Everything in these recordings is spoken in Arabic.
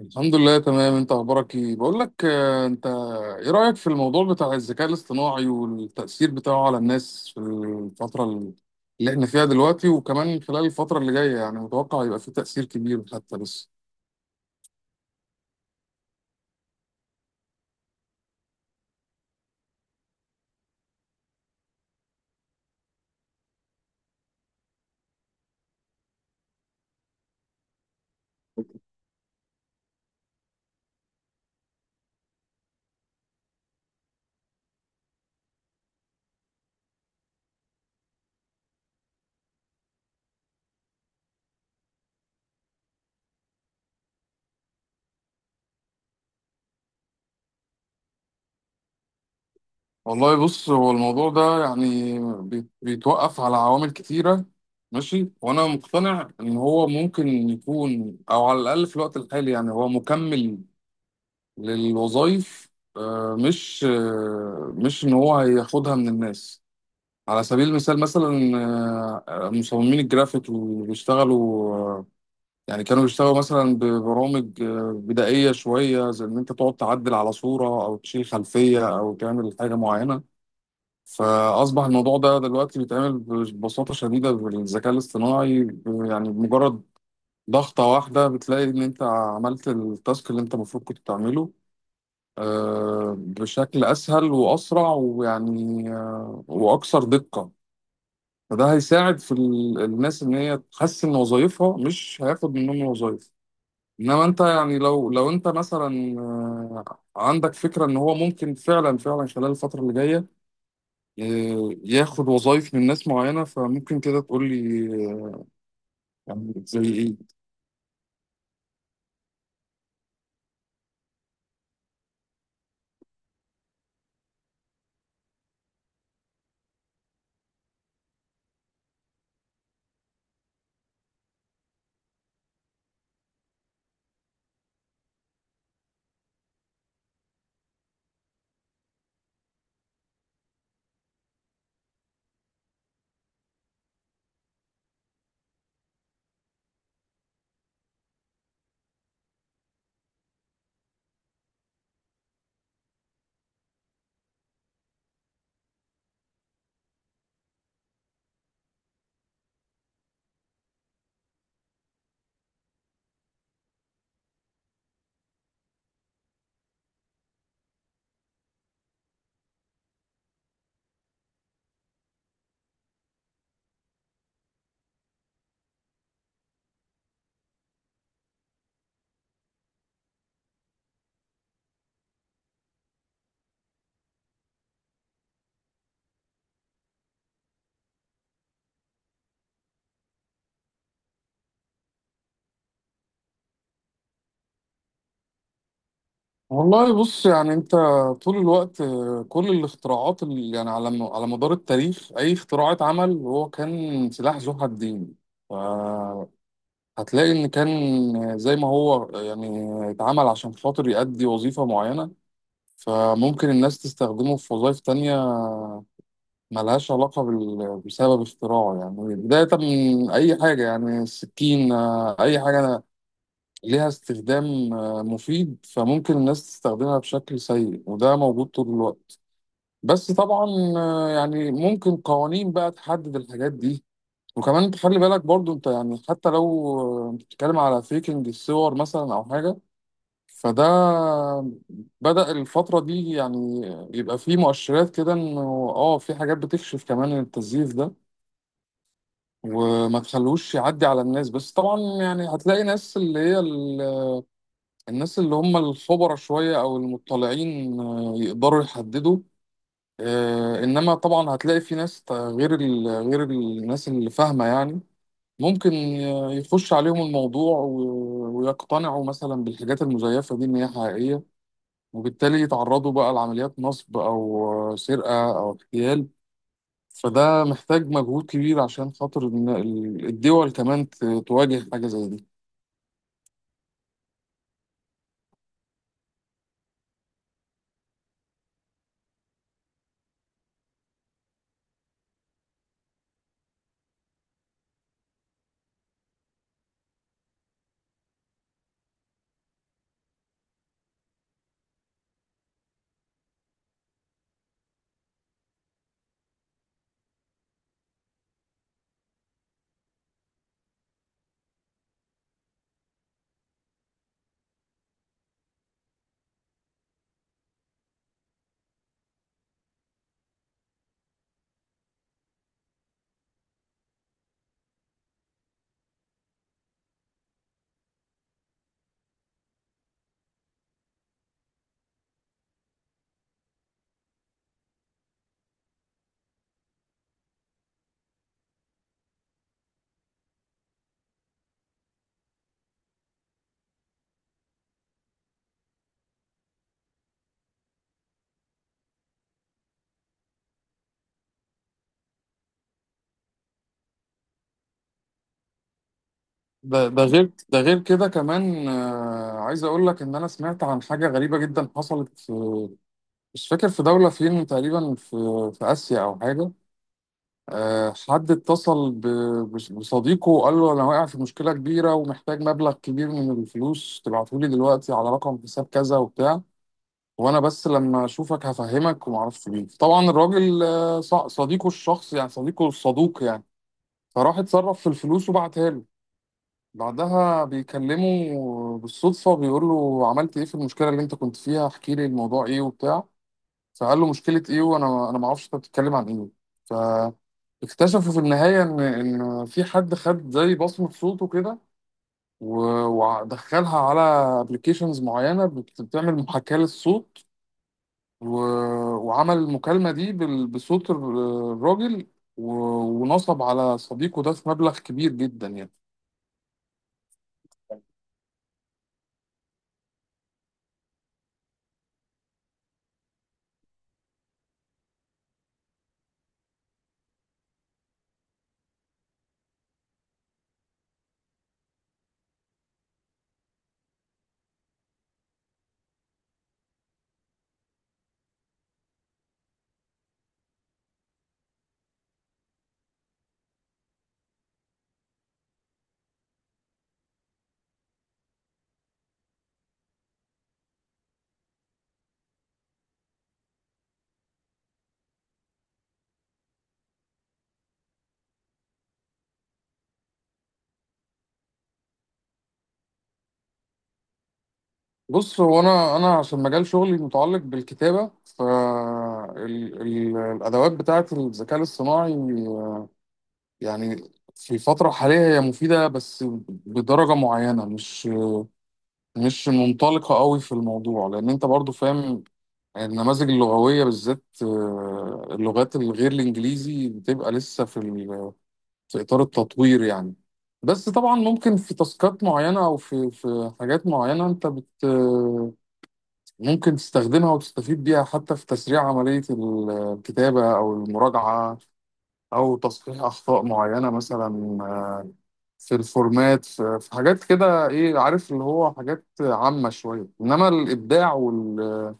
الحمد لله تمام. انت اخبارك ايه؟ بقول لك انت ايه رأيك في الموضوع بتاع الذكاء الاصطناعي والتأثير بتاعه على الناس في الفترة اللي احنا فيها دلوقتي، وكمان خلال الفترة اللي جاية؟ يعني متوقع يبقى فيه تأثير كبير حتى. بس والله بص، هو الموضوع ده يعني بيتوقف على عوامل كتيرة. ماشي، وانا مقتنع ان هو ممكن يكون، او على الاقل في الوقت الحالي، يعني هو مكمل للوظائف. مش ان هو هياخدها من الناس. على سبيل المثال، مثلا مصممين الجرافيك اللي بيشتغلوا، يعني كانوا بيشتغلوا مثلا ببرامج بدائية شوية، زي إن أنت تقعد تعدل على صورة أو تشيل خلفية أو تعمل حاجة معينة. فأصبح الموضوع ده دلوقتي بيتعمل ببساطة شديدة بالذكاء الاصطناعي يعني بمجرد ضغطة واحدة بتلاقي إن أنت عملت التاسك اللي أنت المفروض كنت تعمله بشكل أسهل وأسرع، ويعني وأكثر دقة. فده هيساعد في الناس ان هي تحسن وظائفها، مش هياخد منهم وظائف. انما انت يعني لو انت مثلا عندك فكره ان هو ممكن فعلا خلال الفتره اللي جايه ياخد وظائف من ناس معينه، فممكن كده تقول لي. يعني زي ايه؟ والله بص، يعني انت طول الوقت كل الاختراعات اللي يعني على على مدار التاريخ، اي اختراع اتعمل هو كان سلاح ذو حدين. ف- هتلاقي إن كان زي ما هو يعني اتعمل عشان خاطر يأدي وظيفة معينة، فممكن الناس تستخدمه في وظائف تانية ملهاش علاقة بسبب اختراعه. يعني بداية من أي حاجة، يعني السكين، أي حاجة ليها استخدام مفيد فممكن الناس تستخدمها بشكل سيء، وده موجود طول الوقت. بس طبعا يعني ممكن قوانين بقى تحدد الحاجات دي. وكمان انت خلي بالك برضو، انت يعني حتى لو انت بتتكلم على فيكنج الصور مثلا او حاجه، فده بدأ الفتره دي، يعني يبقى فيه مؤشرات كده انه اه في حاجات بتكشف كمان التزييف ده وما تخلوش يعدي على الناس. بس طبعا يعني هتلاقي ناس اللي هي الناس اللي هم الخبراء شويه او المطلعين يقدروا يحددوا. انما طبعا هتلاقي في ناس غير غير الناس اللي فاهمه، يعني ممكن يخش عليهم الموضوع ويقتنعوا مثلا بالحاجات المزيفة دي إن هي حقيقية، وبالتالي يتعرضوا بقى لعمليات نصب أو سرقة أو اغتيال. فده محتاج مجهود كبير عشان خاطر إن الدول كمان تواجه حاجة زي دي. ده غير كده كمان، عايز أقول لك إن أنا سمعت عن حاجة غريبة جدا حصلت في، مش فاكر في دولة فين، تقريبا في آسيا أو حاجة. حد اتصل بصديقه وقال له انا واقع في مشكله كبيره ومحتاج مبلغ كبير من الفلوس، تبعته لي دلوقتي على رقم حساب كذا وبتاع، وانا بس لما اشوفك هفهمك وما اعرفش مين. طبعا الراجل صديقه الشخص، يعني صديقه الصدوق يعني، فراح اتصرف في الفلوس وبعتها له. بعدها بيكلمه بالصدفه، بيقول له عملت ايه في المشكله اللي انت كنت فيها؟ احكي لي الموضوع ايه وبتاع. فقال له مشكلة ايه؟ وانا ما اعرفش انت بتتكلم عن ايه. فاكتشفوا في النهاية ان في حد خد زي بصمة صوته كده ودخلها على ابلكيشنز معينة بتعمل محاكاة للصوت، وعمل المكالمة دي بصوت الراجل و- ونصب على صديقه ده في مبلغ كبير جدا يعني. بص، هو انا عشان مجال شغلي متعلق بالكتابة، فالادوات بتاعت الذكاء الاصطناعي يعني في الفترة الحالية هي مفيدة بس بدرجة معينة، مش منطلقة قوي في الموضوع، لأن أنت برضو فاهم النماذج اللغوية بالذات اللغات الغير الإنجليزي بتبقى لسه في في إطار التطوير يعني. بس طبعا ممكن في تاسكات معينة أو في حاجات معينة أنت بت، ممكن تستخدمها وتستفيد بيها حتى في تسريع عملية الكتابة أو المراجعة أو تصحيح أخطاء معينة مثلا، في الفورمات، في حاجات كده، ايه عارف، اللي هو حاجات عامة شوية. انما الابداع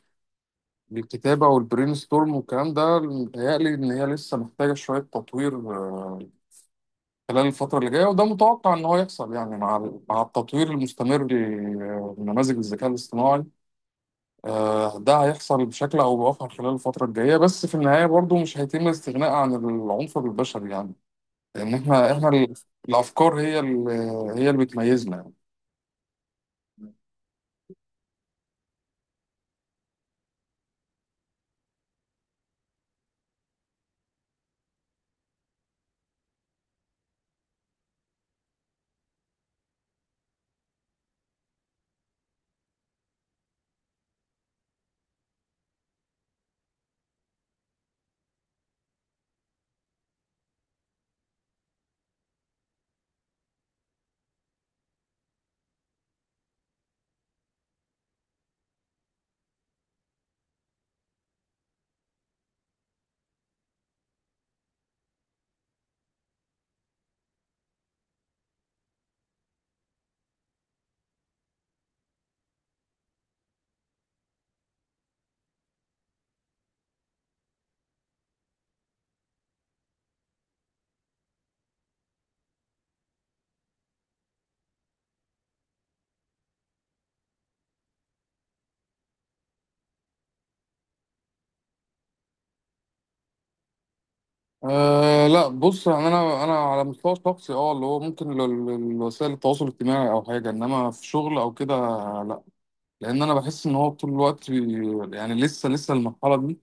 والكتابة والبرين ستورم والكلام ده، متهيألي ان هي لسه محتاجة شوية تطوير خلال الفترة اللي جاية، وده متوقع ان هو يحصل يعني مع مع التطوير المستمر لنماذج الذكاء الاصطناعي. ده هيحصل بشكل او باخر خلال الفترة الجاية، بس في النهاية برضو مش هيتم الاستغناء عن العنصر البشري، يعني ان احنا، الافكار هي هي اللي بتميزنا يعني. أه لا بص، يعني انا على مستوى شخصي اه اللي هو ممكن وسائل التواصل الاجتماعي او حاجه، انما في شغل او كده لا. لان انا بحس ان هو طول الوقت يعني لسه المرحله دي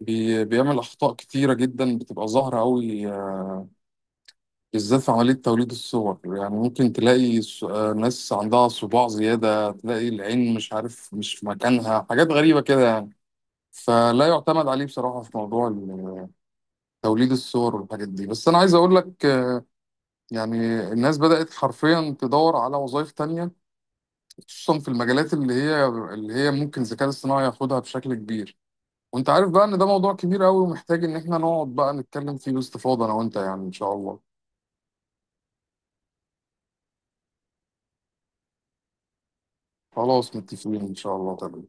بيعمل أخطاء كتيرة جدا بتبقى ظاهرة أوي بالذات في عملية توليد الصور. يعني ممكن تلاقي ناس عندها صباع زيادة، تلاقي العين مش عارف مش في مكانها، حاجات غريبة كده يعني. فلا يعتمد عليه بصراحة في موضوع توليد الصور والحاجات دي. بس أنا عايز أقول لك يعني الناس بدأت حرفيا تدور على وظائف تانية، خصوصا في المجالات اللي هي ممكن الذكاء الاصطناعي ياخدها بشكل كبير. وانت عارف بقى ان ده موضوع كبير قوي ومحتاج ان احنا نقعد بقى نتكلم فيه باستفاضة انا وانت، يعني ان شاء الله. خلاص متفقين، ان شاء الله. تمام.